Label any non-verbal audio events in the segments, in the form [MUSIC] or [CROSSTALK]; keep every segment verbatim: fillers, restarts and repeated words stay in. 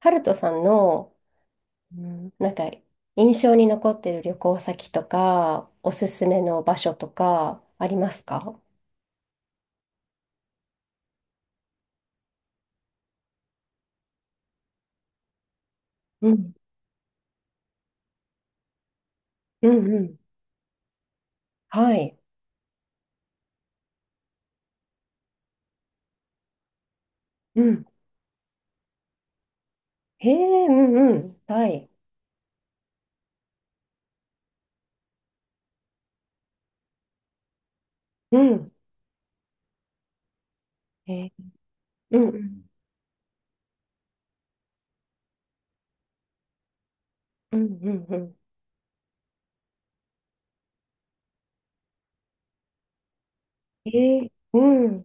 ハルトさんの、うん、なんか、印象に残ってる旅行先とか、おすすめの場所とか、ありますか？うん、うんうん。はい。うん。へえ、うんうん。はい。うん。えうんうん。うん、うん、うん。えー、うん。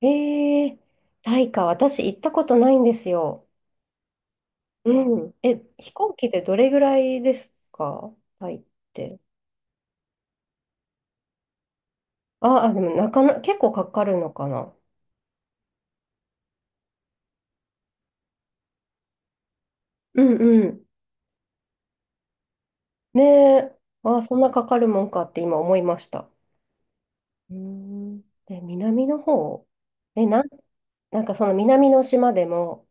えー、タイか。私行ったことないんですよ。うん。え、飛行機でどれぐらいですか？タイって。あ、あ、でもなかな、結構かかるのかな。うんうん。ねえ、ああ、そんなかかるもんかって今思いました。うーん。え、南の方、え、なん、なんかその南の島でも、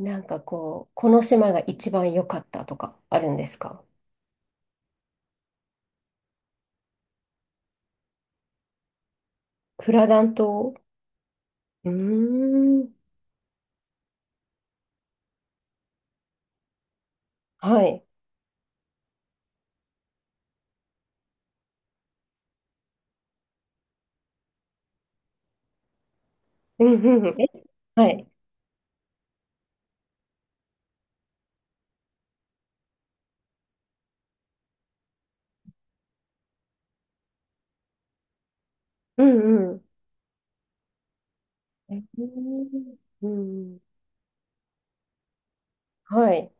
なんかこう、この島が一番良かったとかあるんですか？クラダン島。うーん。はい。うんうんうん。えはい。うんうん。えー、うん。はい。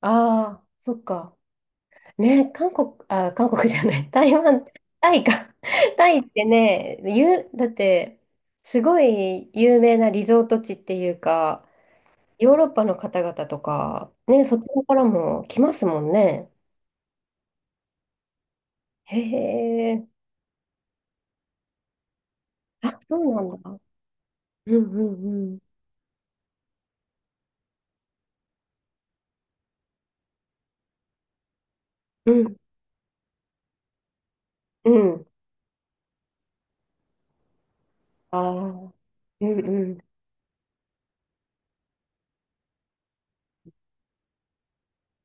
ああ、そっか。ね、韓国、あ、韓国じゃない、[LAUGHS] 台湾、タイか。[LAUGHS] タイってね、ゆ、だって、すごい有名なリゾート地っていうか、ヨーロッパの方々とか、ね、そっちのからも来ますもんね。へえ、あ、そうなんだ。うんうんうん。うん、うん。ああ、うんうん。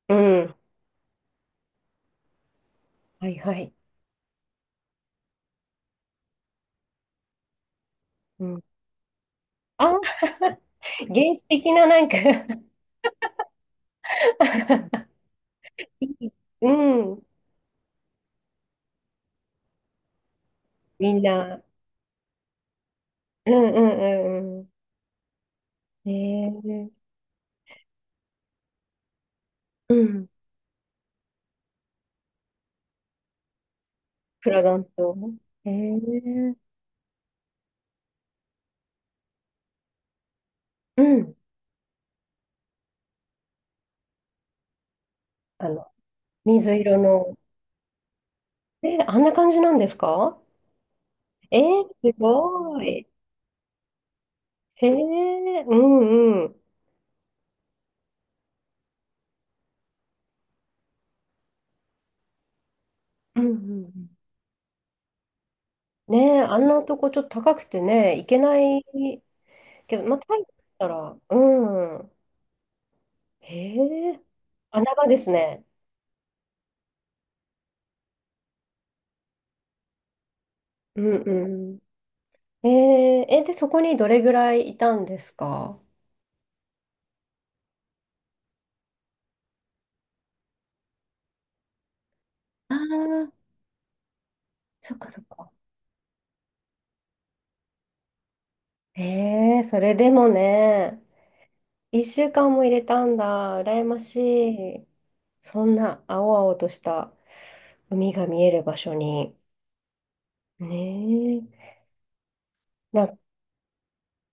うん。はいはい。うん。あ、[LAUGHS] 原始的ななんか [LAUGHS] いい。うん。みんな。うんうんうんうん。えー、うん。プラダント。えー、うん。あの、水色の。えー、あんな感じなんですか？えー、すごい。えー、うんうん。うんうんうん。ねえ、あんなとこちょっと高くてね、行けないけど、まあ、タイだったら、うん。へえ、穴場ですね。うんうん。ええ、え、で、そこにどれぐらいいたんですか？ああー、そっかそっか。ええ、それでもね、一週間も入れたんだ。羨ましい。そんな青々とした海が見える場所に。ねえ。な、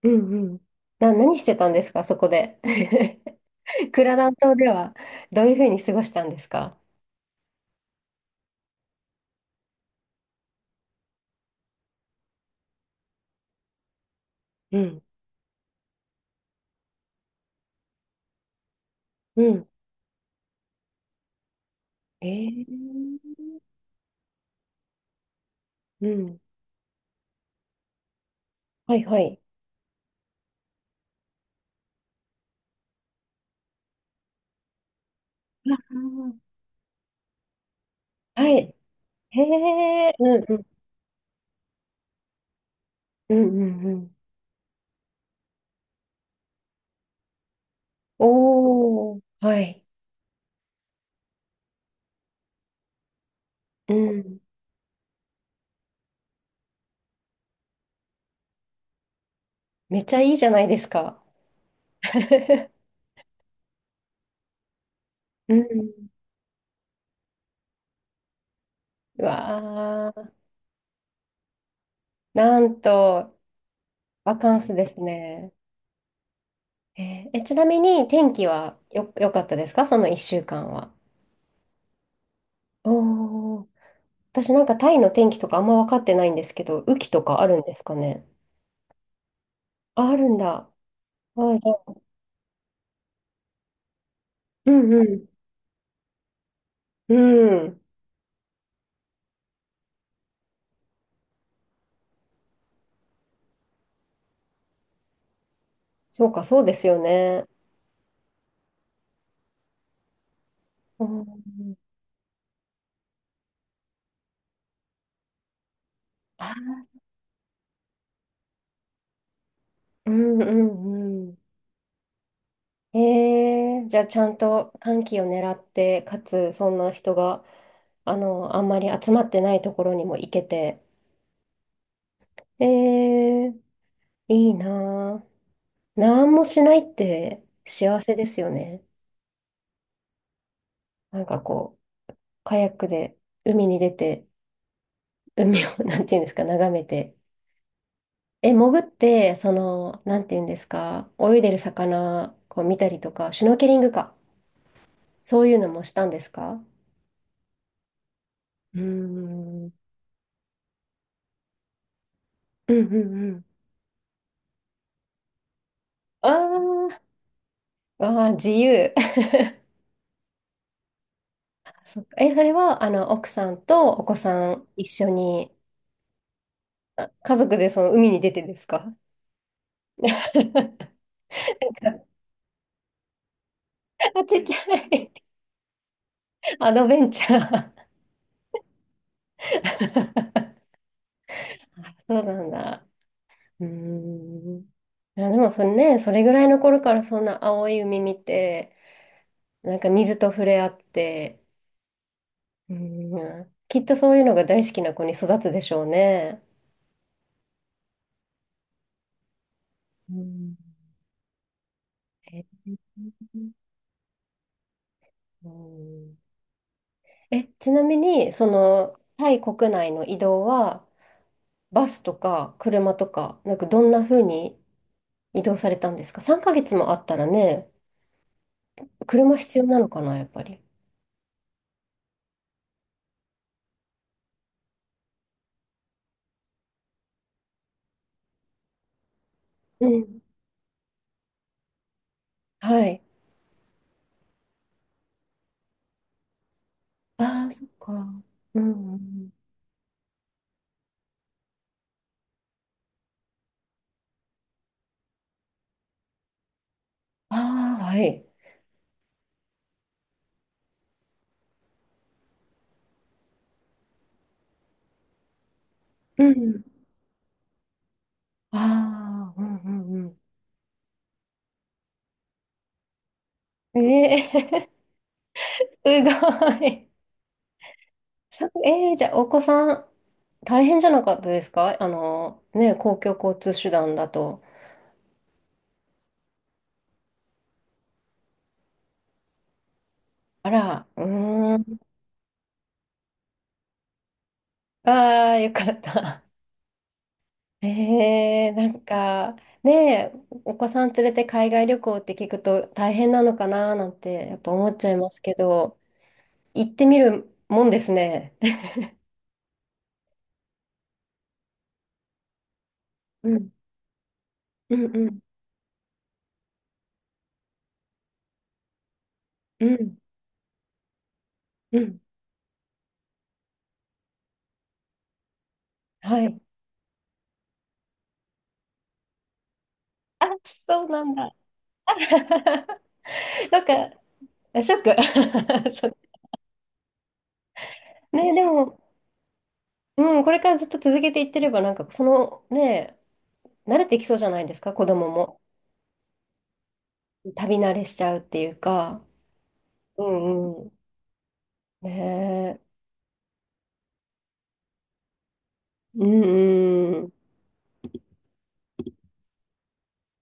うんうん。な、何してたんですか、そこで。[LAUGHS] クラダン島ではどういうふうに過ごしたんですか？うん。うん。えー、うん。はいはい。あー、はい。へえ。うんうん。うんうんうん。おー。はい。うん。めっちゃいいじゃないですか。[LAUGHS] うん。うわー、なんと、バカンスですね。えー、え、ちなみに天気はよ、良かったですかそのいっしゅうかんは？おー、私なんかタイの天気とかあんま分かってないんですけど、雨季とかあるんですかね？あ、あるんだ。あ、じゃあ、うんうん。うん。そうか、そうですよね。うん、あ、うんうんうん。えー、じゃあちゃんと寒気を狙って、かつそんな人が、あの、あんまり集まってないところにも行けて、ええ、いいなぁ。なんもしないって幸せですよね。なんかこう、カヤックで海に出て、海を、[LAUGHS] なんていうんですか、眺めて。え、潜って、その、なんていうんですか、泳いでる魚、こう見たりとか、シュノーケリングか。そういうのもしたんですか？うーん。うんうんうん。あー、あー、自由。[LAUGHS] そっか。え、それは、あの、奥さんとお子さん一緒に、あ、家族でその海に出てですか？ [LAUGHS] あ、ちっちゃい。アドベンチャー。あ、そうなんだ。うーん。いや、でもそれね、それぐらいの頃からそんな青い海見て、なんか水と触れ合って、うーん、きっとそういうのが大好きな子に育つでしょうね。うん。え、うん、え、ちなみに、その、タイ国内の移動は、バスとか車とか、なんかどんな風に移動されたんですか ?さん ヶ月もあったらね、車必要なのかな、やっぱり。うん。はい。ああ、そっか。うんうんうん。ああ、はい。うん。ああ、うんうんうん。ええ、 [LAUGHS] すごい。そええ、じゃあ、お子さん、大変じゃなかったですか、あの、ね、公共交通手段だと。あら、うーん。ああ、よかった。[LAUGHS] ええ、なんか、ねえ、お子さん連れて海外旅行って聞くと大変なのかななんて、やっぱ思っちゃいますけど、行ってみるもんですね。うん、うん、うん、うん、うん。はい。あ、そうなんだ。[LAUGHS] なんか、ショック。[LAUGHS] そうね、でも、うん、これからずっと続けていってれば、なんか、その、ね、慣れてきそうじゃないですか、子供も。旅慣れしちゃうっていうか。うんうん。ねえ。うんうん。